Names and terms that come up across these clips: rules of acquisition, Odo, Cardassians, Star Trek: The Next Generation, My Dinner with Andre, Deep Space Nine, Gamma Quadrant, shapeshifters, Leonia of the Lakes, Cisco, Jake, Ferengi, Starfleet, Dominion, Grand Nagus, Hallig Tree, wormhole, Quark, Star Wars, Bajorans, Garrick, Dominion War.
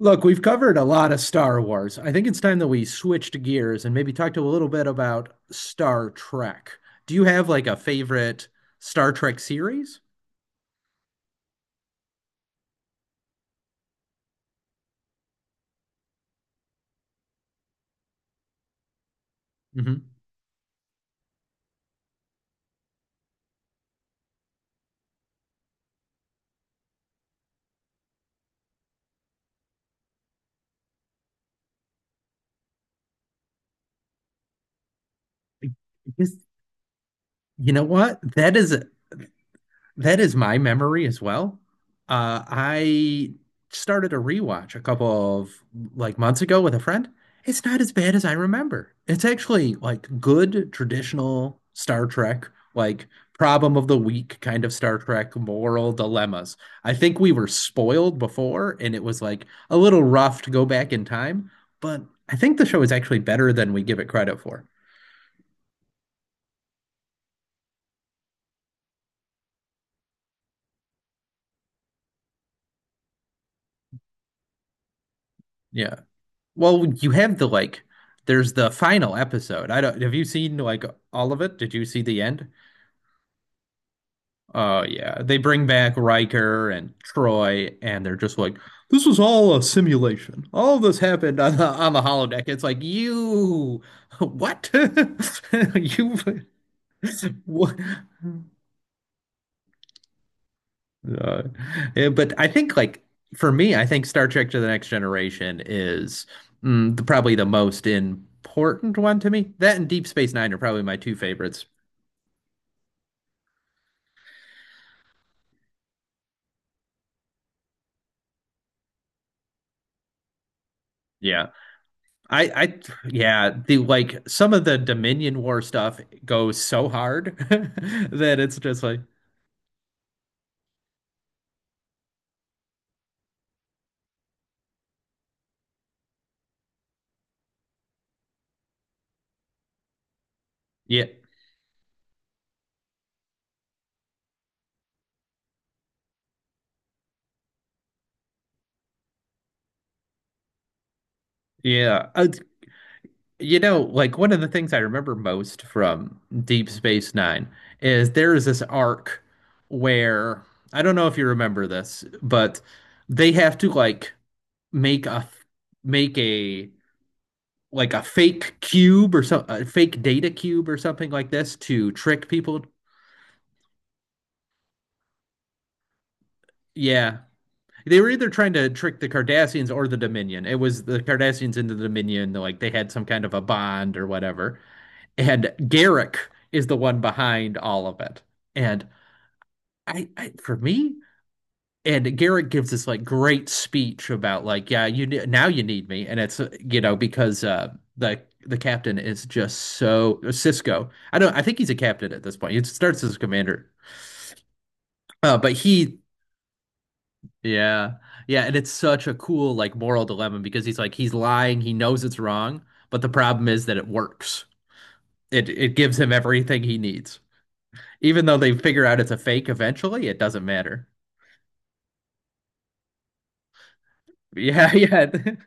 Look, we've covered a lot of Star Wars. I think it's time that we switched gears and maybe talked a little bit about Star Trek. Do you have like a favorite Star Trek series? Hmm. Because you know what? That is my memory as well. I started a rewatch a couple of like months ago with a friend. It's not as bad as I remember. It's actually like good traditional Star Trek, like problem of the week kind of Star Trek moral dilemmas. I think we were spoiled before and it was like a little rough to go back in time, but I think the show is actually better than we give it credit for. Yeah. Well, you have the like there's the final episode. I don't have you seen like all of it? Did you see the end? Oh yeah. They bring back Riker and Troy and they're just like this was all a simulation. All this happened on the holodeck. It's like you what? You what? Uh, yeah, but I think like for me, I think Star Trek to the Next Generation is mm, the, probably the most important one to me. That and Deep Space Nine are probably my two favorites. Yeah. I, I, yeah, the like some of the Dominion War stuff goes so hard that it's just like, yeah, yeah. You know, like one of the things I remember most from Deep Space Nine is there is this arc where I don't know if you remember this, but they have to like make a make a like a fake cube or some a fake data cube or something like this to trick people. Yeah. They were either trying to trick the Cardassians or the Dominion. It was the Cardassians and the Dominion, like they had some kind of a bond or whatever. And Garrick is the one behind all of it. And I for me, and Garrick gives this like great speech about like, yeah, you now you need me, and it's you know because the captain is just so Cisco. I don't. I think he's a captain at this point. He starts as a commander, uh, but he, yeah, yeah, and it's such a cool like moral dilemma because he's like he's lying. He knows it's wrong, but the problem is that it works. It gives him everything he needs. Even though they figure out it's a fake eventually, it doesn't matter. Yeah, yeah.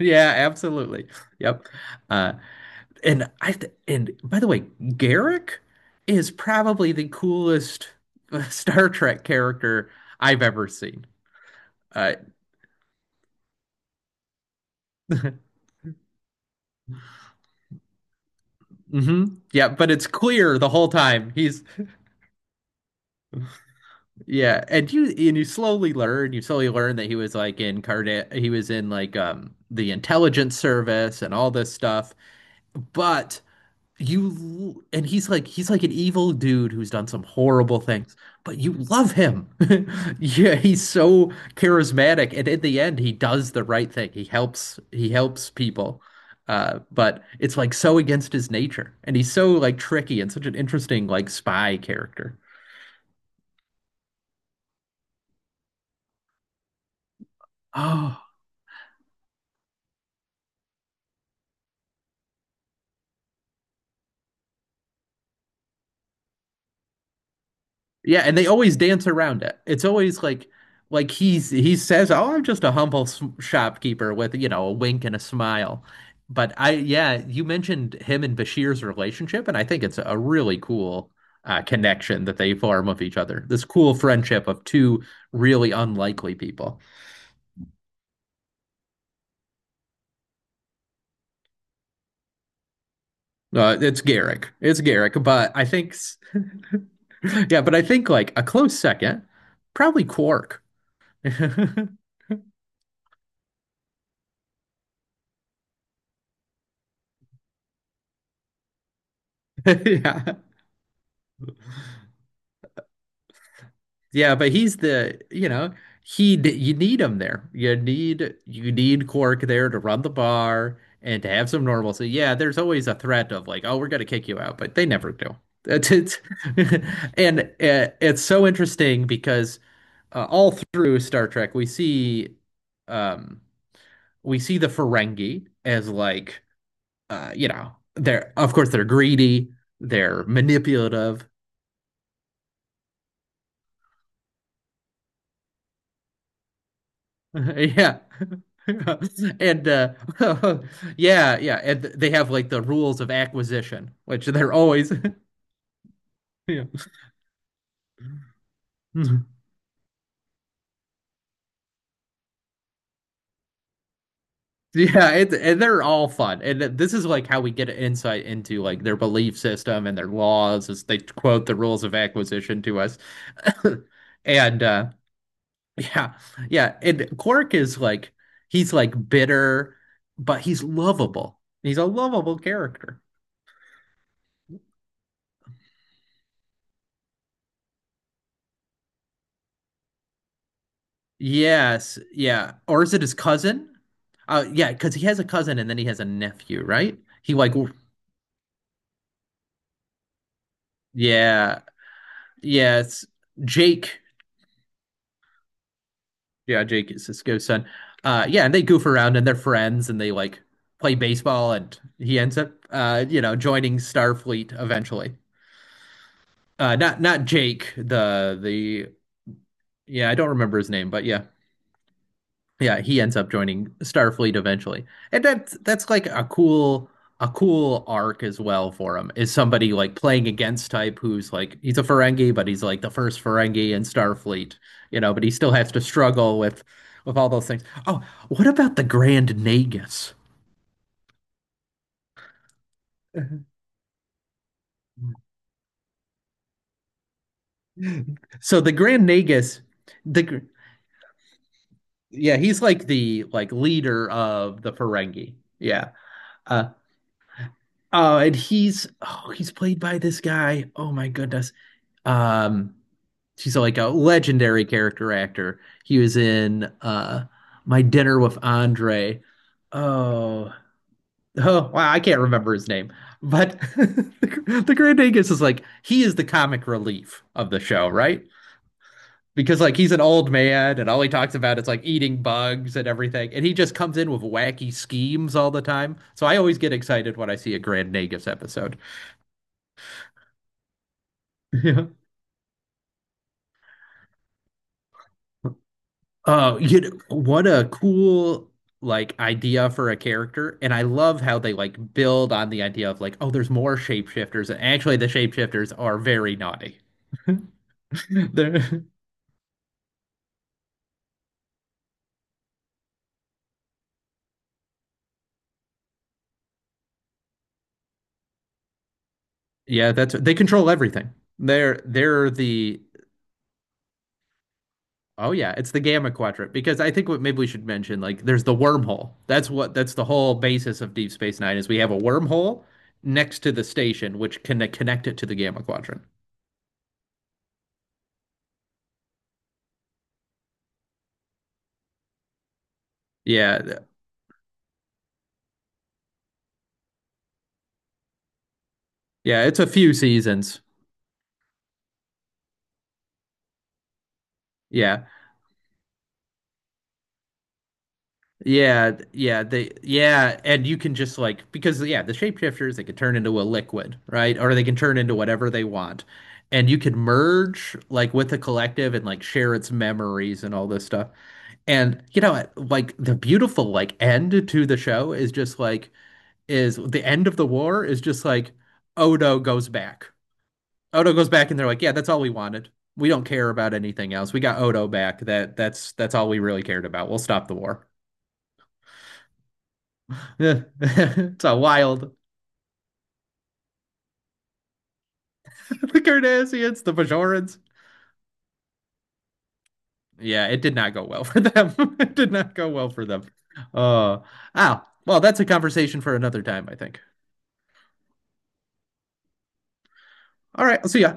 Yeah, absolutely. Yep. Uh and by the way, Garrick is probably the coolest Star Trek character I've ever seen. Uh hmm. Yeah, but it's clear the whole time. He's yeah, and you slowly learn, you slowly learn that he was like in Carda he was in like the intelligence service and all this stuff. But you and he's like an evil dude who's done some horrible things, but you love him. Yeah, he's so charismatic, and in the end, he does the right thing. He helps people, but it's like so against his nature, and he's so like tricky and such an interesting like spy character. Oh. Yeah, and they always dance around it. It's always like he's he says, "Oh, I'm just a humble s- shopkeeper with, you know, a wink and a smile." But I yeah, you mentioned him and Bashir's relationship, and I think it's a really cool connection that they form with each other. This cool friendship of two really unlikely people. It's Garrick. It's Garrick, but I think s- yeah, but I think like a close second, probably Quark. Yeah. Yeah, but he's the, you know, he d- you need him there. You need Cork there to run the bar and to have some normalcy. Yeah, there's always a threat of like, oh, we're gonna kick you out, but they never do. It's and it's so interesting because all through Star Trek um we see the Ferengi as like you know, they're of course they're greedy, they're manipulative. Yeah. And yeah, yeah, and they have like the rules of acquisition, which they're always yeah. Mhm. Yeah, it, and they're all fun. And th- this is like how we get an insight into like their belief system and their laws as they quote the rules of acquisition to us. And yeah, yeah, and Quark is like he's like bitter, but he's lovable. He's a lovable character. Yes, yeah. Or is it his cousin? Yeah, because he has a cousin and then he has a nephew, right? He like, w- yeah, yeah. It's Jake. Yeah, Jake is Cisco's son. Yeah, and they goof around and they're friends and they like play baseball and he ends up, you know, joining Starfleet eventually. Not Jake, the yeah, I don't remember his name, but yeah. Yeah, he ends up joining Starfleet eventually. And that's like a cool arc as well for him. Is somebody like playing against type who's like he's a Ferengi, but he's like the first Ferengi in Starfleet, you know, but he still has to struggle with all those things. Oh, what about the Grand Nagus? So the Grand Nagus, the yeah, he's like the like leader of the Ferengi. Yeah. Uh oh, and he's Oh, he's played by this guy. Oh my goodness. Um, she's like a legendary character actor. He was in My Dinner with Andre. Oh, oh, wow, I can't remember his name. But the Grand Angus is like he is the comic relief of the show, right? Because like he's an old man and all he talks about is like eating bugs and everything, and he just comes in with wacky schemes all the time. So I always get excited when I see a Grand Nagus episode. Yeah. Oh, you know, what a cool like idea for a character. And I love how they like build on the idea of like, oh, there's more shapeshifters. And actually the shapeshifters are very naughty. They're yeah, that's they control everything. They're the oh yeah, it's the Gamma Quadrant because I think what maybe we should mention like there's the wormhole. That's what that's the whole basis of Deep Space Nine is we have a wormhole next to the station which can connect it to the Gamma Quadrant. Yeah, th- yeah, it's a few seasons. Yeah. Yeah, yeah, they yeah, and you can just like because yeah, the shapeshifters they can turn into a liquid, right? Or they can turn into whatever they want. And you can merge like with the collective and like share its memories and all this stuff. And you know, like the beautiful like end to the show is just like is the end of the war is just like Odo goes back. Odo goes back and they're like, "Yeah, that's all we wanted. We don't care about anything else. We got Odo back. That's all we really cared about. We'll stop the war." it's a wild. the Cardassians, the Bajorans. Yeah, it did not go well for them. it did not go well for them. Uh, well, that's a conversation for another time, I think. All right, I'll see ya.